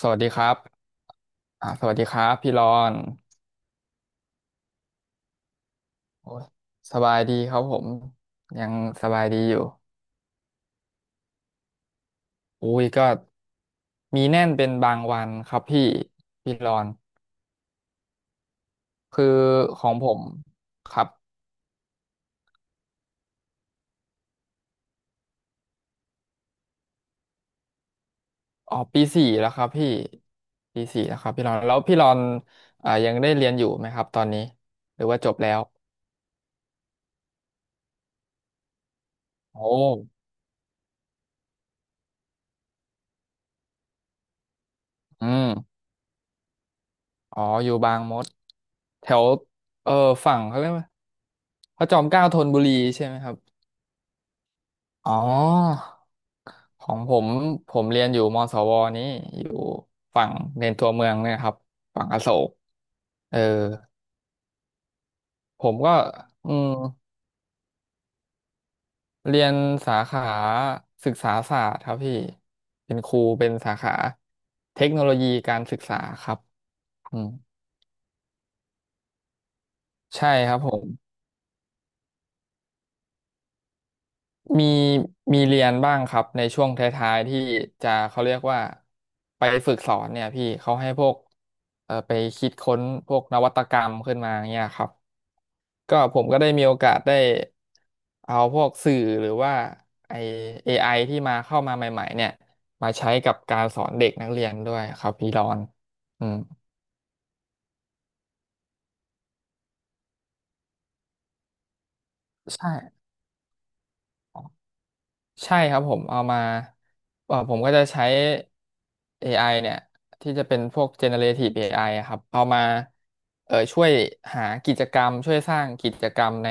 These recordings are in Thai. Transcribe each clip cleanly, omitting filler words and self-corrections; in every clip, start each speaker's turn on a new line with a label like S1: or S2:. S1: สวัสดีครับสวัสดีครับพี่รอนโอ้ยสบายดีครับผม ยังสบายดีอยู่อุ้ยก็มีแน่นเป็นบางวันครับพี่พี่รอนคือของผมครับอ๋อปีสี่แล้วครับพี่ปีสี่แล้วครับพี่รอนแล้วพี่รอนยังได้เรียนอยู่ไหมครับตอนนี้หรือว่าจบแล้วโอ้อืมอ๋ออยู่บางมดแถวเออฝั่งเขาเรียกว่าพระจอมเกล้าธนบุรีใช่ไหมครับ อ๋อของผมผมเรียนอยู่มศวนี้อยู่ฝั่งในตัวเมืองเนี่ยครับฝั่งอโศกเออผมก็อืมเรียนสาขาศึกษาศาสตร์ครับพี่เป็นครูเป็นสาขาเทคโนโลยีการศึกษาครับอืมใช่ครับผม มีมีเรียนบ้างครับในช่วงท้ายๆที่จะเขาเรียกว่าไปฝึกสอนเนี่ยพี่เขาให้พวกไปคิดค้นพวกนวัตกรรมขึ้นมาเนี่ยครับก็ผมก็ได้มีโอกาสได้เอาพวกสื่อหรือว่าไอ AI ที่มาเข้ามาใหม่ๆเนี่ยมาใช้กับการสอนเด็กนักเรียนด้วยครับพี่รอนอืมใช่ ใช่ครับผมเอามาผมก็จะใช้ AI เนี่ยที่จะเป็นพวก generative AI อไออะครับเอามาช่วยหากิจกรรมช่วยสร้างกิจกรรมใน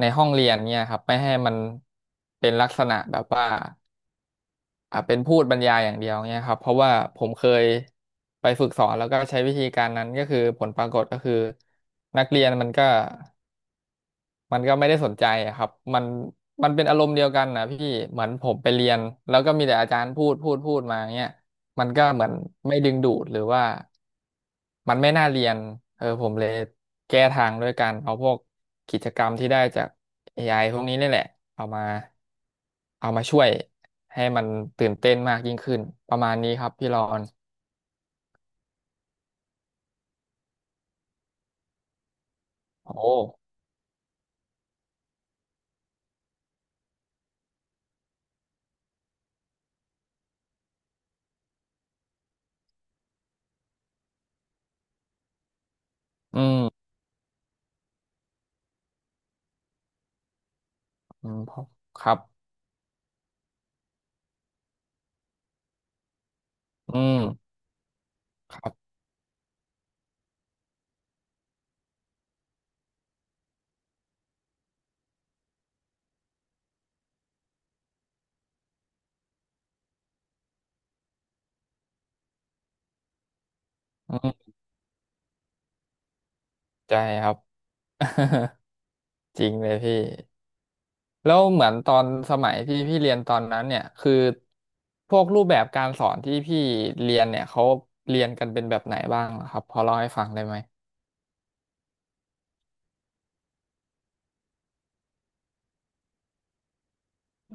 S1: ในห้องเรียนเนี่ยครับไม่ให้มันเป็นลักษณะแบบว่าอ่ะเป็นพูดบรรยายอย่างเดียวเนี่ยครับเพราะว่าผมเคยไปฝึกสอนแล้วก็ใช้วิธีการนั้นก็คือผลปรากฏก็คือนักเรียนมันก็ มันก็ไม่ได้สนใจอะครับมันมันเป็นอารมณ์เดียวกันนะพี่เหมือนผมไปเรียนแล้วก็มีแต่อาจารย์พูดพูดพูดมาเงี้ยมันก็เหมือนไม่ดึงดูดหรือว่ามันไม่น่าเรียนเออผมเลยแก้ทางด้วยการเอาพวกกิจกรรมที่ได้จาก AI พวกนี้นี่แหละเอามาเอามาช่วยให้มันตื่นเต้นมากยิ่งขึ้นประมาณนี้ครับพี่รอนโอ้อืมอืมครับอืมครับอืมใจครับ จริงเลยพี่แล้วเหมือนตอนสมัยที่พี่เรียนตอนนั้นเนี่ยคือพวกรูปแบบการสอนที่พี่เรียนเนี่ยเขาเรียนกันเป็นแบบไหนบ้างเหรอครับพอเล่าให้ฟังได้ไหม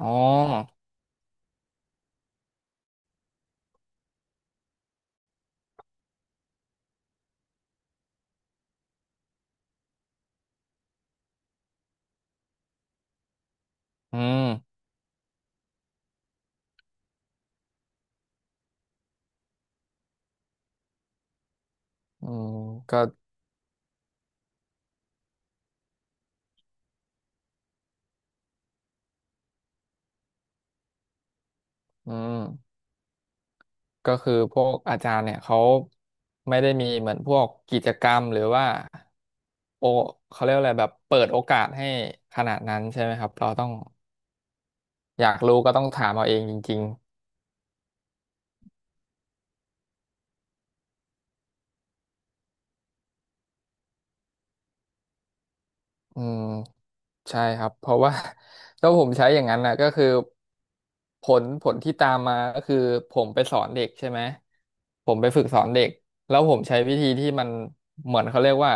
S1: อ๋ออืมอืมก็อืมก็คือพวกอาจารย์เนี่ยเขาไม่ได้มีเหมือนพวกกิจกรรมหรือว่าโอเขาเรียกอะไรแบบเปิดโอกาสให้ขนาดนั้นใช่ไหมครับเราต้องอยากรู้ก็ต้องถามเอาเองจริง อืมใช่ครับเพราะว่า ถ้าผมใช้อย่างนั้นนะก็คือผลที่ตามมาก็คือผมไปสอนเด็กใช่ไหมผมไปฝึกสอนเด็กแล้วผมใช้วิธีที่มันเหมือนเขาเรียกว่า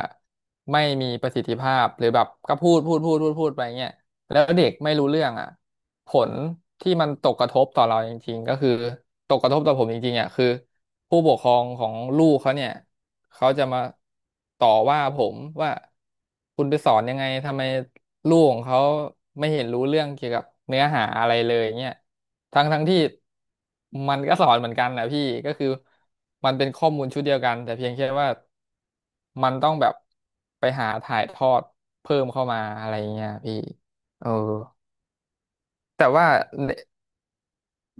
S1: ไม่มีประสิทธิภาพหรือแบบก็พูดพูดพูดพูดพูดไปเงี้ยแล้วเด็กไม่รู้เรื่องอ่ะ ผลที่มันตกกระทบต่อเราจริงๆก็คือตกกระทบต่อผมจริงๆอ่ะคือผู้ปกครองของลูกเขาเนี่ยเขาจะมาต่อว่าผมว่าคุณไปสอนยังไงทำไมลูกของเขาไม่เห็นรู้เรื่องเกี่ยวกับเนื้อหาอะไรเลยเนี่ยทั้งที่มันก็สอนเหมือนกันนะพี่ก็คือมันเป็นข้อมูลชุดเดียวกันแต่เพียงแค่ว่ามันต้องแบบไปหาถ่ายทอดเพิ่มเข้ามาอะไรเงี้ยพี่เออแต่ว่า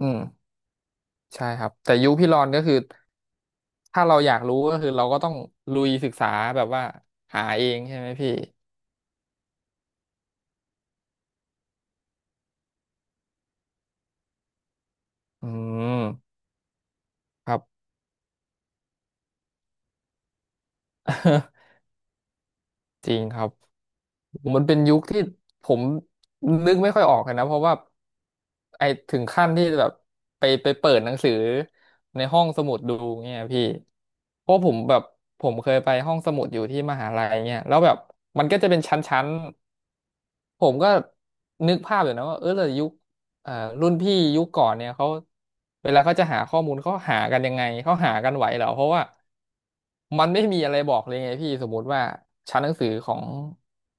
S1: อืมใช่ครับแต่ยุคพี่รอนก็คือถ้าเราอยากรู้ก็คือเราก็ต้องลุยศึกษาแบบว่าหาเองใช่ไหมพี่อืมครับ จริงครับมันเป็นยุคที่ผมนึกไม่ค่อยออกเลยนะเพราะว่าไอถึงขั้นที่แบบไปเปิดหนังสือในห้องสมุดดูเงี้ยพี่เพราะผมแบบผมเคยไปห้องสมุดอยู่ที่มหาลัยเงี้ยแล้วแบบมันก็จะเป็นชั้นๆ ผมก็นึกภาพอยู่นะว่าเออแต่ยุคอ่ารุ่นพี่ยุคก่อนเนี่ยเขาเวลาเขาจะหาข้อมูลเขาหากันยังไงเขาหากันไหวเหรอเพราะว่ามันไม่มีอะไรบอกเลยไงพี่สมมุติว่าชั้นหนังสือของ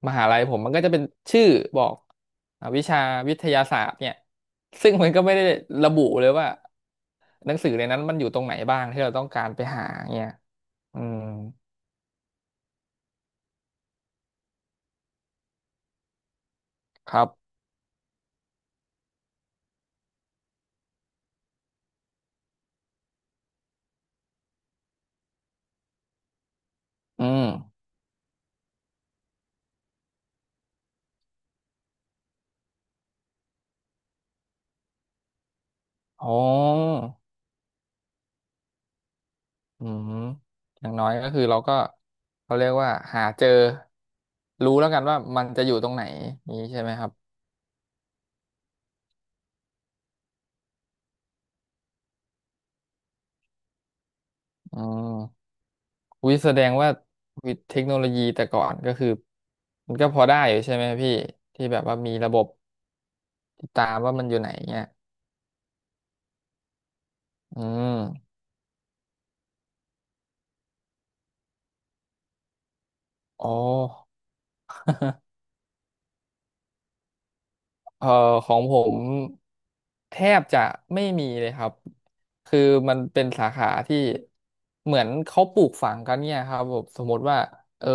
S1: มหาลัยผมมันก็จะเป็นชื่อบอกวิชาวิทยาศาสตร์เนี่ยซึ่งมันก็ไม่ได้ระบุเลยว่าหนังสือในนั้นมันอยู่ตรงไหนบ้างที่เราต้องการไปหาเนี่ยอืมครับอืมอ๋อ อืมอย่างน้อยก็คือเราก็เขาเรียกว่าหาเจอรู้แล้วกันว่ามันจะอยู่ตรงไหนนี้ใช่ไหมครับอืมวิแสดงว่าวิเทคโนโลยีแต่ก่อนก็คือมันก็พอได้อยู่ใช่ไหมพี่ที่แบบว่ามีระบบติดตามว่ามันอยู่ไหนเนี่ยอืมอ๋อ เอ่อของผมแทบจะไม่มีเลยครับคือมันเป็นสาขาที่เหมือนเขาปลูกฝังกันเนี่ยครับผมสมมติว่าเออ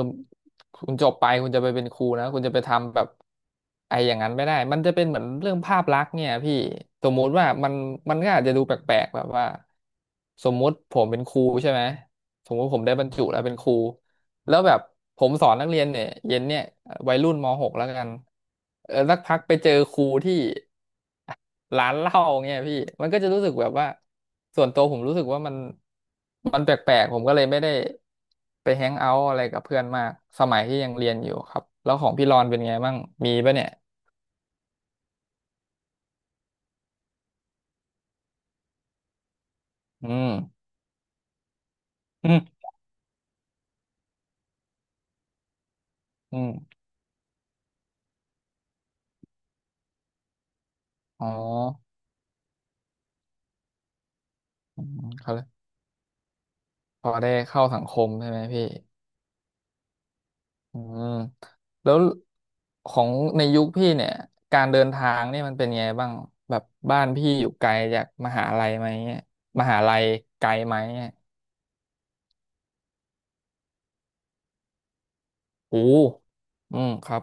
S1: คุณจบไปคุณจะไปเป็นครูนะคุณจะไปทำแบบไอ้อย่างนั้นไม่ได้มันจะเป็นเหมือนเรื่องภาพลักษณ์เนี่ยพี่สมมุติว่ามันก็อาจจะดูแปลกๆแบบว่าสมมุติผมเป็นครูใช่ไหมสมมุติผมได้บรรจุแล้วเป็นครู แล้วแบบผมสอนนักเรียนเนี่ยเย็นเนี่ยวัยรุ่นม .6 แล้วกันสักพักไปเจอครูที่ ร้านเหล้าเงี้ยพี่มันก็จะรู้สึกแบบว่าส่วนตัวผมรู้สึกว่ามันแปลกๆผมก็เลยไม่ได้ไปแฮงเอาท์อะไรกับเพื่อนมากสมัยที่ยังเรียนอยู่ครับแล้วของพี่รอนเป็นไงบ้างมีปะเนี่ยอืมอืม อืมอ๋ออืมเขาเลยพอได้เข้าสังคมใช่ไหมพี่ อืมแล้วของในยุคพี่เนี่ยการเดินทางนี่มันเป็นไงบ้างแบบบ้านพี่อยู่ไกลจากมหาลัยไหมเนี่ยมหาลัยไกลไหมเนี่ยโอ้อืมครับ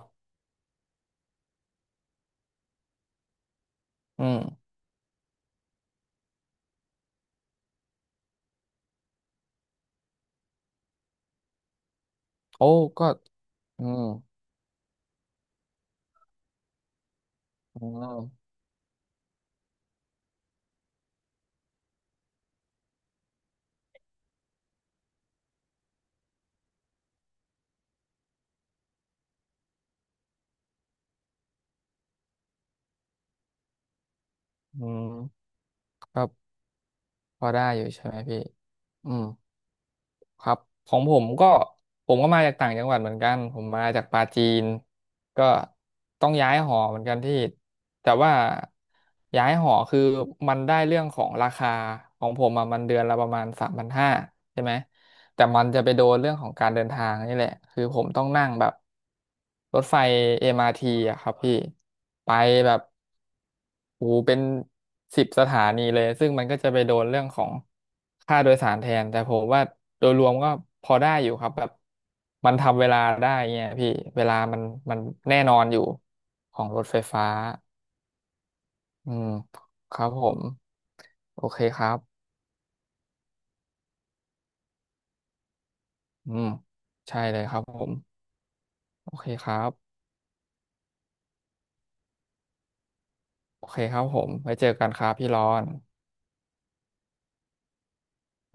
S1: อืมโอ้ก็อืมอืมอืมครับพอได้อยู่ใช่ไหมพี่อืม ครับของผมก็ผมก็มาจากต่างจังหวัดเหมือนกันผมมาจากปาจีนก็ต้องย้ายหอเหมือนกันที่แต่ว่าย้ายหอคือมันได้เรื่องของราคาของผมอะมันเดือนละประมาณ3,500ใช่ไหม แต่มันจะไปโดนเรื่องของการเดินทางนี่แหละคือผมต้องนั่งแบบรถไฟ MRT อมอาร์ทีอะครับพี่ไปแบบโอ้โหเป็น10 สถานีเลยซึ่งมันก็จะไปโดนเรื่องของค่าโดยสารแทนแต่ผมว่าโดยรวมก็พอได้อยู่ครับแบบมันทำเวลาได้เงี้ยพี่เวลามันแน่นอนอยู่ของรถไฟฟ้าอืมครับผมโอเคครับอืมใช่เลยครับผมโอเคครับ โอเคครับผมไว้เจอกันครับพี่รอน